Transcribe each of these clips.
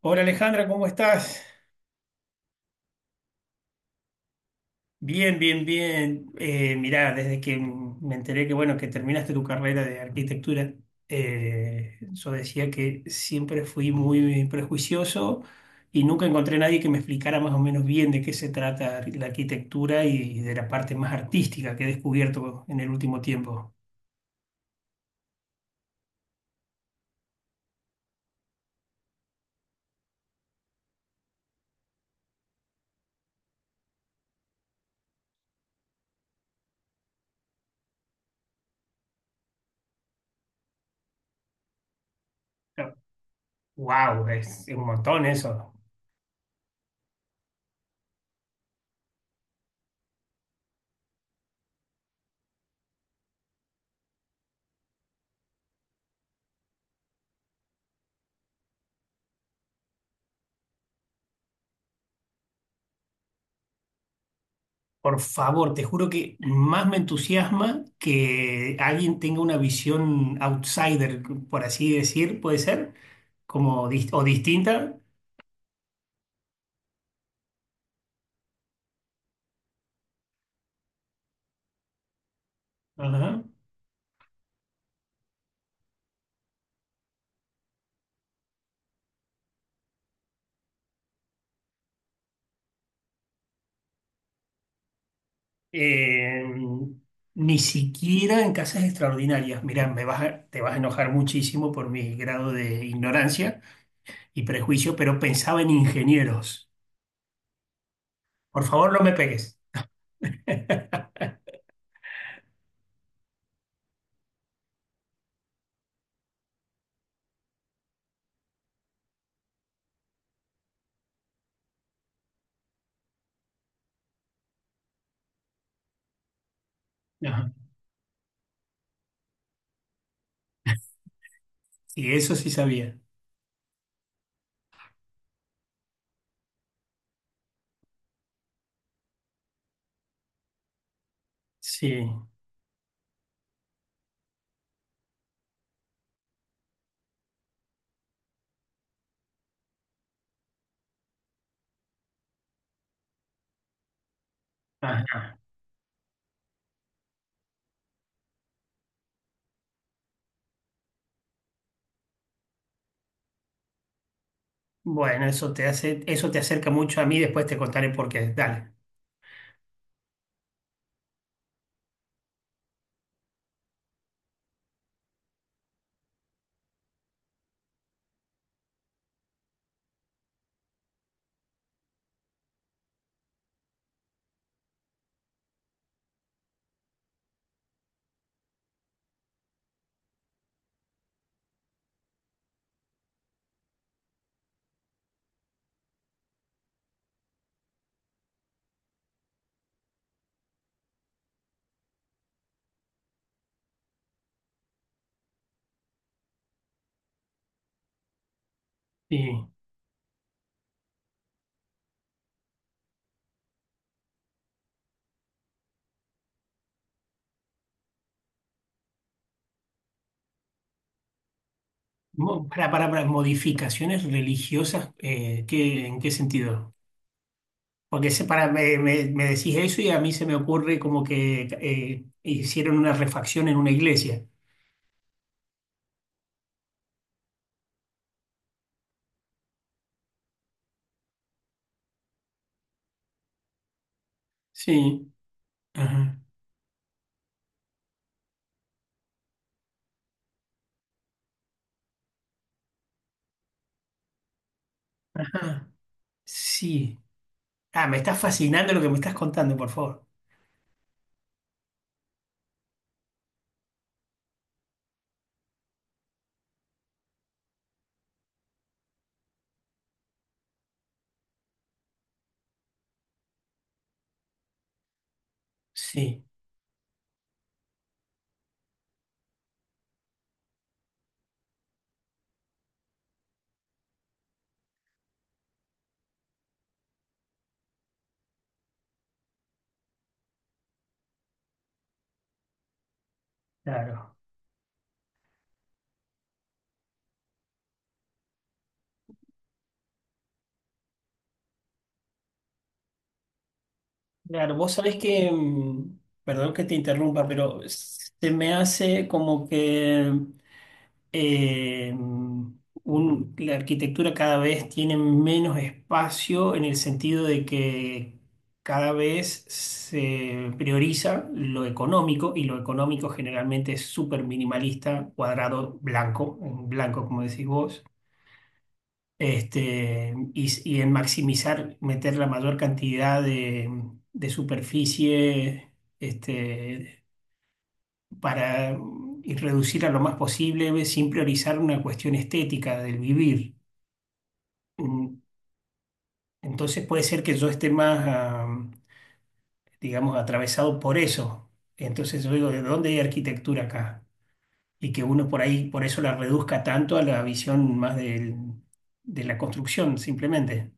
Hola Alejandra, ¿cómo estás? Bien, bien, bien. Mirá, desde que me enteré que bueno, que terminaste tu carrera de arquitectura, yo decía que siempre fui muy prejuicioso y nunca encontré nadie que me explicara más o menos bien de qué se trata la arquitectura y de la parte más artística que he descubierto en el último tiempo. Wow, es un montón eso. Por favor, te juro que más me entusiasma que alguien tenga una visión outsider, por así decir, puede ser, como o distinta. Ajá. Eh, ni siquiera en casas extraordinarias. Mirá, te vas a enojar muchísimo por mi grado de ignorancia y prejuicio, pero pensaba en ingenieros. Por favor, no me pegues. Ajá. Sí, eso sí sabía. Sí. Ajá. Bueno, eso te hace, eso te acerca mucho a mí, después te contaré por qué. Dale. Sí. Para, modificaciones religiosas, en qué sentido? Porque para, me decís eso y a mí se me ocurre como que hicieron una refacción en una iglesia. Sí. Ajá. Ajá. Sí. Ah, me está fascinando lo que me estás contando, por favor. Sí, claro. Claro, vos sabés que, perdón que te interrumpa, pero se me hace como que la arquitectura cada vez tiene menos espacio en el sentido de que cada vez se prioriza lo económico y lo económico generalmente es súper minimalista, cuadrado, blanco, en blanco como decís vos. Este, y en maximizar, meter la mayor cantidad de superficie, este, para y reducir a lo más posible sin priorizar una cuestión estética del vivir. Mm, entonces puede ser que yo esté más, ah, digamos, atravesado por eso. Entonces yo digo, ¿de dónde hay arquitectura acá? Y que uno por ahí, por eso la reduzca tanto a la visión de la construcción, simplemente.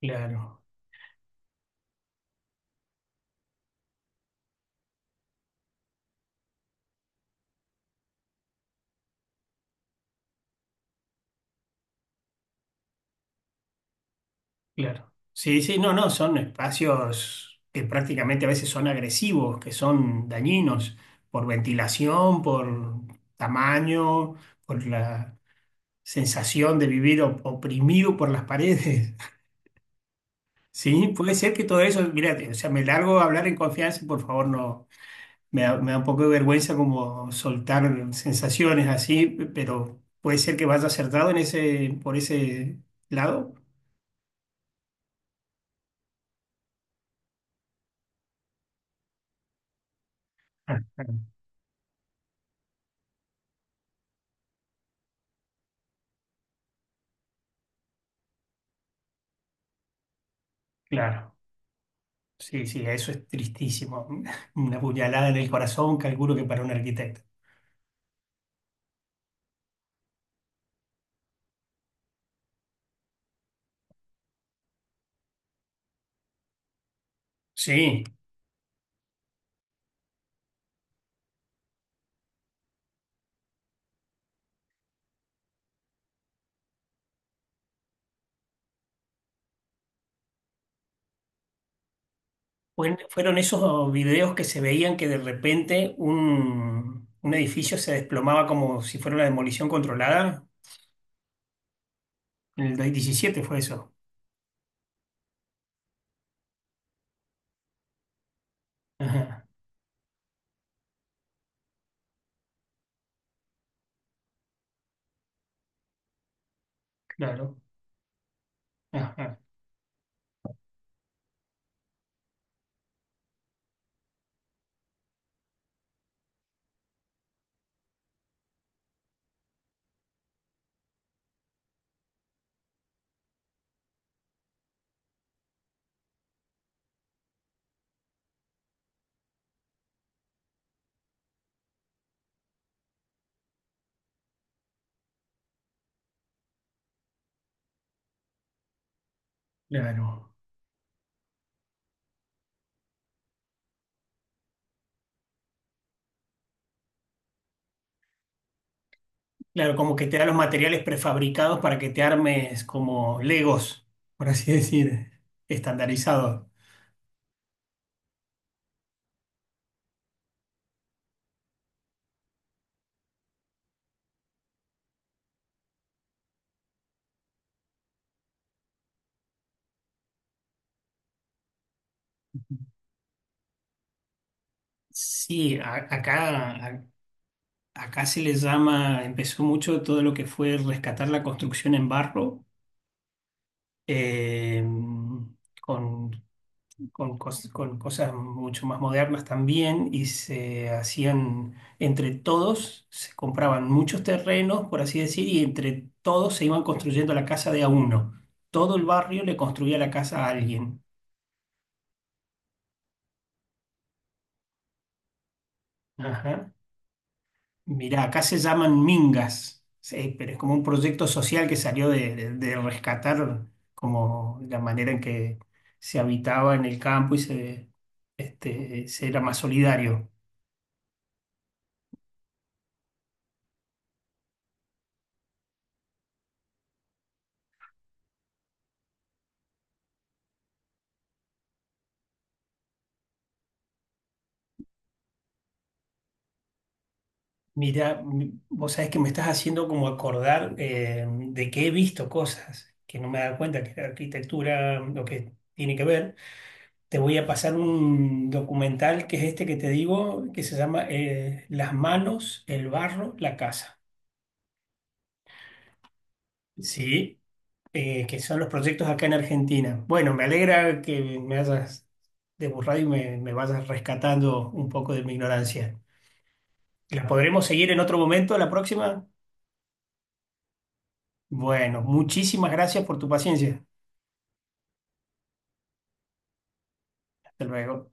Claro. Claro. Sí, sí, no, no, son espacios que prácticamente a veces son agresivos, que son dañinos por ventilación, por tamaño, por la sensación de vivir oprimido por las paredes. Sí, puede ser que todo eso, mira, o sea, me largo a hablar en confianza, y por favor, no, me da un poco de vergüenza como soltar sensaciones así, pero puede ser que vaya acertado en ese, por ese lado. Ah, claro. Sí, sí, eso es tristísimo. Una puñalada en el corazón, calculo que para un arquitecto. Sí, fueron esos videos que se veían que de repente un edificio se desplomaba como si fuera una demolición controlada. En el 2017 fue eso. Ajá, claro, ajá, claro. Claro, como que te da los materiales prefabricados para que te armes como Legos, por así decir, estandarizados. Sí, acá, acá se le llama, empezó mucho todo lo que fue rescatar la construcción en barro, eh, con, con cosas mucho más modernas también, y se hacían entre todos, se compraban muchos terrenos, por así decir, y entre todos se iban construyendo la casa de a uno. Todo el barrio le construía la casa a alguien. Ajá. Mirá, acá se llaman mingas, sí, pero es como un proyecto social que salió de, de rescatar como la manera en que se habitaba en el campo y se, este, se era más solidario. Mira, vos sabés que me estás haciendo como acordar de que he visto cosas que no me he dado cuenta que la arquitectura, lo que tiene que ver. Te voy a pasar un documental que es este que te digo, que se llama Las manos, el barro, la casa. Sí. Eh, que son los proyectos acá en Argentina. Bueno, me alegra que me hayas deburrado y me vayas rescatando un poco de mi ignorancia. ¿La podremos seguir en otro momento, la próxima? Bueno, muchísimas gracias por tu paciencia. Hasta luego.